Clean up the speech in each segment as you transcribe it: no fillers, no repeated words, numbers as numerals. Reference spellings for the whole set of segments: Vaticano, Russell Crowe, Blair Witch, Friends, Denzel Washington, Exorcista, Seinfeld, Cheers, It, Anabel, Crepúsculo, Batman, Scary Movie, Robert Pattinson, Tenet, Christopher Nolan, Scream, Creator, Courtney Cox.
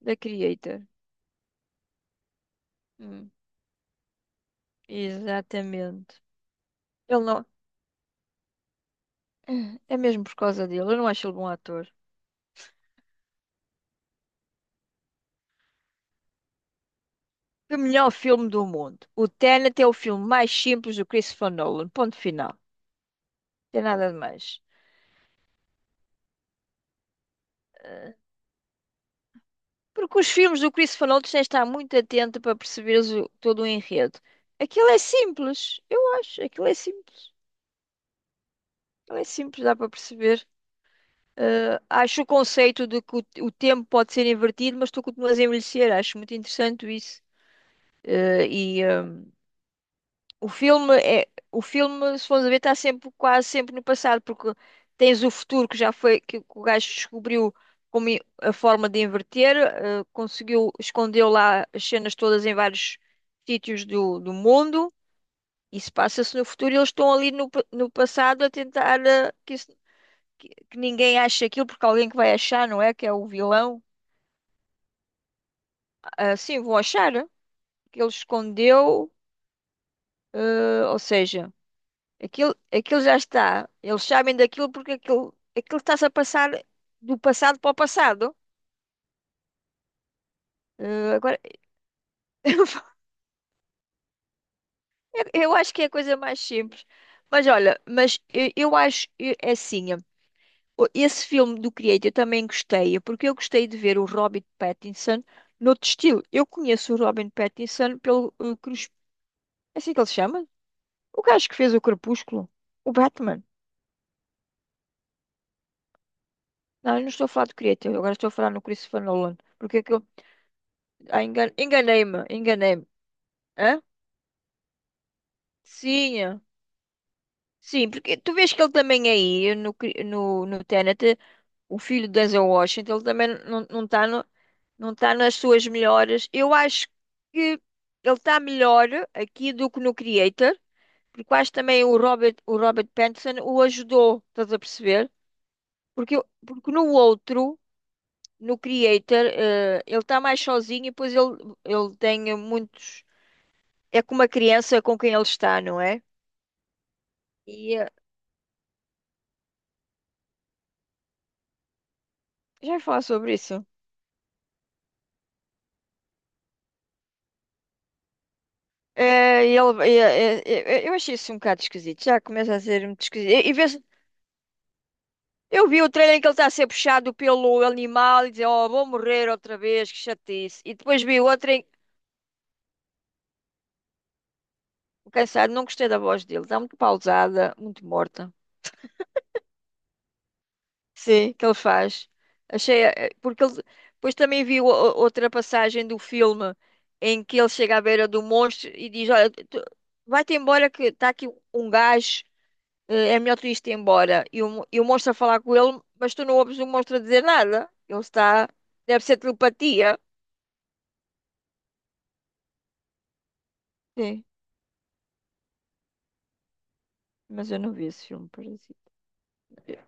Da Creator. Hum, exatamente. Ele não. É mesmo por causa dele. Eu não acho ele bom ator. O melhor filme do mundo. O Tenet é o filme mais simples do Christopher Nolan. Ponto final. Não tem nada de mais. Eh, Porque os filmes do Christopher Nolan tu tens de estar muito atento para perceberes todo o enredo. Aquilo é simples. Eu acho. Aquilo é simples. Aquilo é simples, dá para perceber. Acho o conceito de que o tempo pode ser invertido, mas tu continuas a envelhecer. Acho muito interessante isso. Eh, e ah, O filme é, o filme, se fomos a ver, está sempre, quase sempre no passado, porque tens o futuro que já foi, que o gajo descobriu a forma de inverter, conseguiu, escondeu lá as cenas todas em vários sítios do mundo. Isso passa-se no futuro e eles estão ali no passado a tentar que ninguém ache aquilo, porque alguém que vai achar, não é? Que é o vilão. Ah, sim, vão achar, que ele escondeu, ou seja. Aquilo já está. Eles sabem daquilo porque aquilo está-se a passar do passado para o passado. Agora, eu acho que é a coisa mais simples. Mas olha, mas eu acho é assim. Esse filme do Creator eu também gostei, porque eu gostei de ver o Robin Pattinson noutro estilo. Eu conheço o Robin Pattinson pelo Crepúsculo. É assim que ele se chama? O gajo que fez o Crepúsculo. O Batman. Não, eu não estou a falar do Creator, agora estou a falar no Christopher Nolan. Porque é que eu. Ah, enganei-me, enganei-me. Hã? Sim, sim, porque tu vês que ele também é aí no Tenet, o filho do Denzel Washington, ele também não está no, não tá nas suas melhores. Eu acho que ele está melhor aqui do que no Creator, porque eu acho também o Robert Pattinson o ajudou, estás a perceber? Porque, porque no outro, no Creator, ele está mais sozinho e depois ele tem muitos. É com uma criança com quem ele está, não é? E eh, Já ia falar sobre isso. É, e ele, eu achei isso um bocado esquisito. Já começa a ser muito esquisito. E eu vi o trailer em que ele está a ser puxado pelo animal e dizer, oh, vou morrer outra vez, que chatice. E depois vi outra em. Cansado, não gostei da voz dele. Está muito pausada, muito morta. Sim, que ele faz. Achei. Porque ele. Depois também vi outra passagem do filme em que ele chega à beira do monstro e diz, olha, vai-te embora que está aqui um gajo. É melhor tu isto embora. E o monstro a falar com ele, mas tu não ouves o monstro a dizer nada. Ele está. Deve ser telepatia. Sim, mas eu não vi esse filme, parasita. Eu-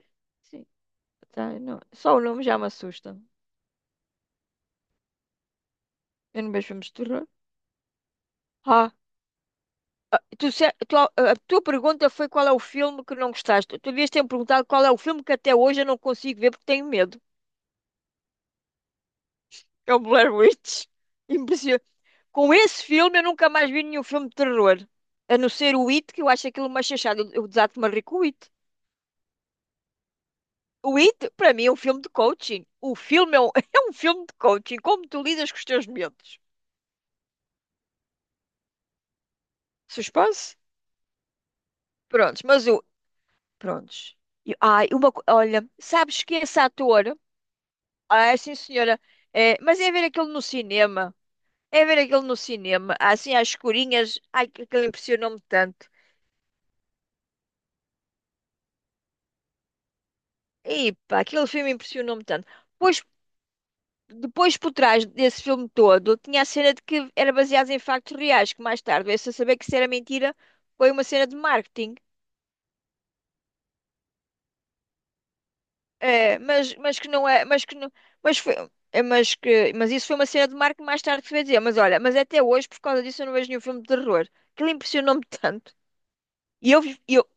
Sim, tá, eu não. Só o nome já me assusta. Eu não vejo filmes de terror. Ah, tu, se- tu- a tua pergunta foi qual é o filme que não gostaste. Tu devias ter me perguntado qual é o filme que até hoje eu não consigo ver porque tenho medo. É o Blair Witch. Impressionante. Com esse filme, eu nunca mais vi nenhum filme de terror. A não ser o It, que eu acho aquilo uma chachada. Eu desato-me a rir com o It. O It, para mim, é um filme de coaching. O filme é um, é um filme de coaching. Como tu lidas com os teus medos? Suspense? Prontos, mas o. Prontos. Ai, uma. Olha, sabes que esse ator. Ah, sim, senhora. É, mas é ver aquilo no cinema. É ver aquilo no cinema. Assim, às escurinhas. Ai, aquilo impressionou-me tanto. E pá, aquele filme impressionou-me tanto. Pois. Depois, por trás desse filme todo, tinha a cena de que era baseado em factos reais, que mais tarde veio-se a saber que isso era mentira, foi uma cena de marketing. É, mas que não é, mas que não, mas foi, é, mas que, mas isso foi uma cena de marketing mais tarde que se veio dizer, mas olha, mas até hoje, por causa disso, eu não vejo nenhum filme de terror. Aquilo impressionou-me tanto. E eu, eu,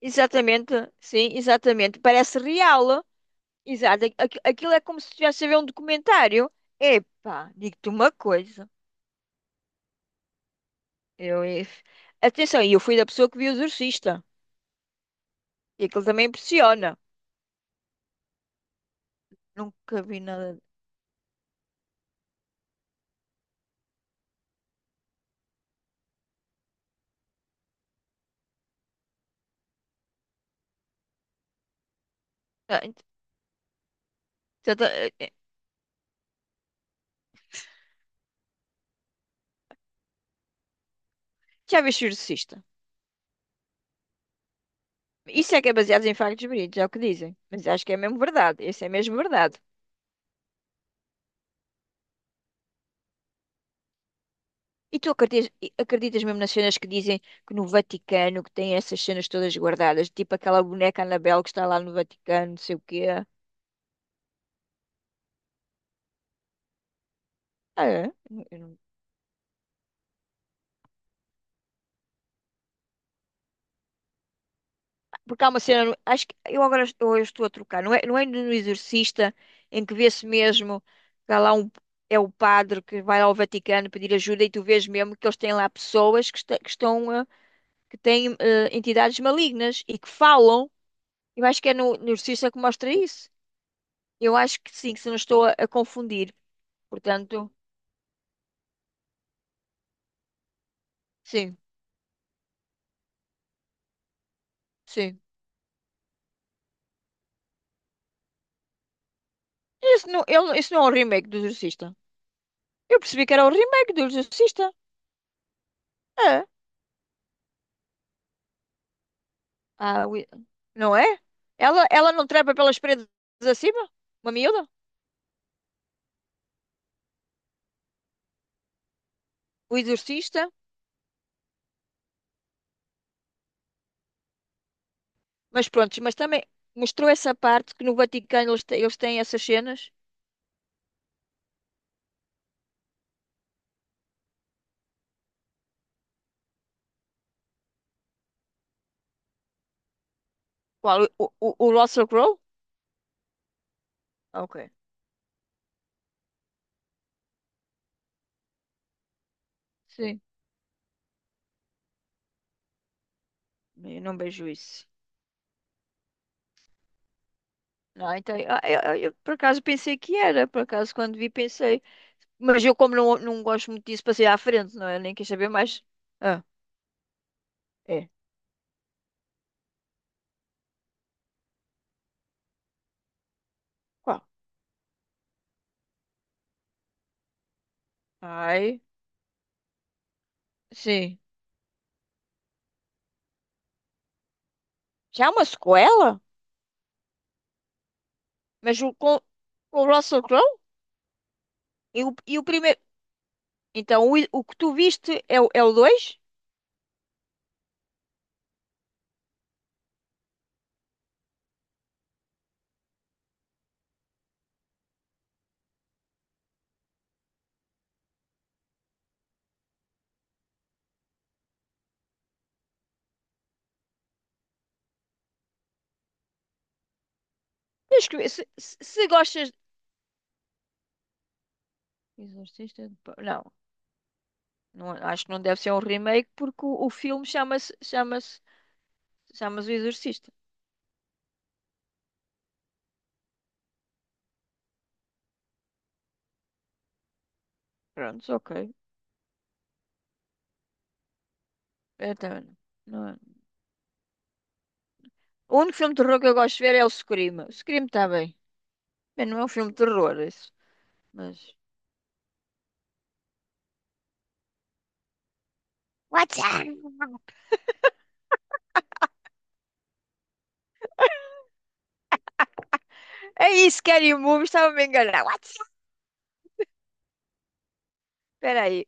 exatamente, sim, exatamente, parece real, exato, aquilo é como se estivesse a ver um documentário. Epá, digo-te uma coisa. Eu, Atenção, e eu fui da pessoa que viu o Exorcista. E aquilo também impressiona. Nunca vi nada. Ah, tanta- eh, eh, Já viste o Exorcista? Isso é que é baseado em factos verídicos, é o que dizem. Mas acho que é mesmo verdade. Isso é mesmo verdade. E tu acreditas, e acreditas mesmo nas cenas que dizem que no Vaticano que tem essas cenas todas guardadas, tipo aquela boneca Anabel que está lá no Vaticano, não sei o quê. Ah, é? Eu Porque há uma cena, acho que eu agora eu estou a trocar, não é no Exorcista em que vê-se mesmo que há lá um. É o padre que vai ao Vaticano pedir ajuda e tu vês mesmo que eles têm lá pessoas que, que estão, que têm entidades malignas e que falam. Eu acho que é no Exorcista que mostra isso. Eu acho que sim, que se não estou a confundir. Portanto, sim, sim. Isso não, isso não é um remake do Exorcista. Eu percebi que era o remake do Exorcista. É. Ah, não é? Ela não trepa pelas paredes acima? Uma miúda? O exorcista? Mas pronto, mas também mostrou essa parte que no Vaticano eles têm essas cenas. Qual? O Russell Crowe? Ah, ok. Sim. Eu não vejo isso. Não, então, eu por acaso pensei que era, por acaso quando vi pensei. Mas eu como não gosto muito disso, passei à frente, não é? Nem quis saber mais. Ah, é. Qual? Ai, sim. Já é uma sequela? Mas com o Russell Crowe? E o primeiro. Então, o que tu viste é o dois. Tens que ver. Se gostas. Exorcista de. Não, não, acho que não deve ser um remake porque o filme chama-se O Exorcista. Pronto, ok. Então, não. O único filme de terror que eu gosto de ver é o Scream. O Scream está bem. Bem, não é um filme de terror, isso. Mas. What's up? É isso, Scary Movie, estava-me a enganar. What's up? Espera aí.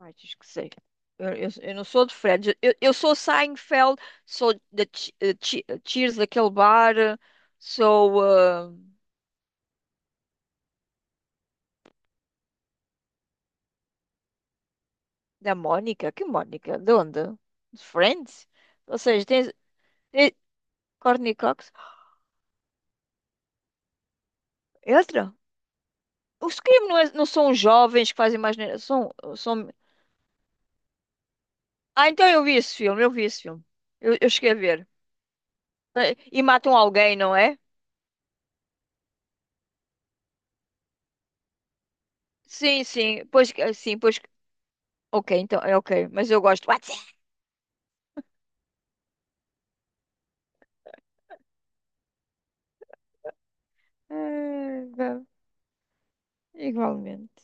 Ai, diz que sei. Eu não sou de Friends. Eu sou Seinfeld, sou da Cheers, daquele bar, sou da Mónica. Que Mónica? De onde? De Friends? Ou seja, tens, Courtney Cox. Outra? Os crimes não, não são jovens que fazem mais. Neira, São... Ah, então eu vi esse filme. Eu cheguei a ver. E matam alguém, não é? Sim, sim. Pois, sim, pois. Ok, então, é ok. Mas eu gosto. What's that? Igualmente.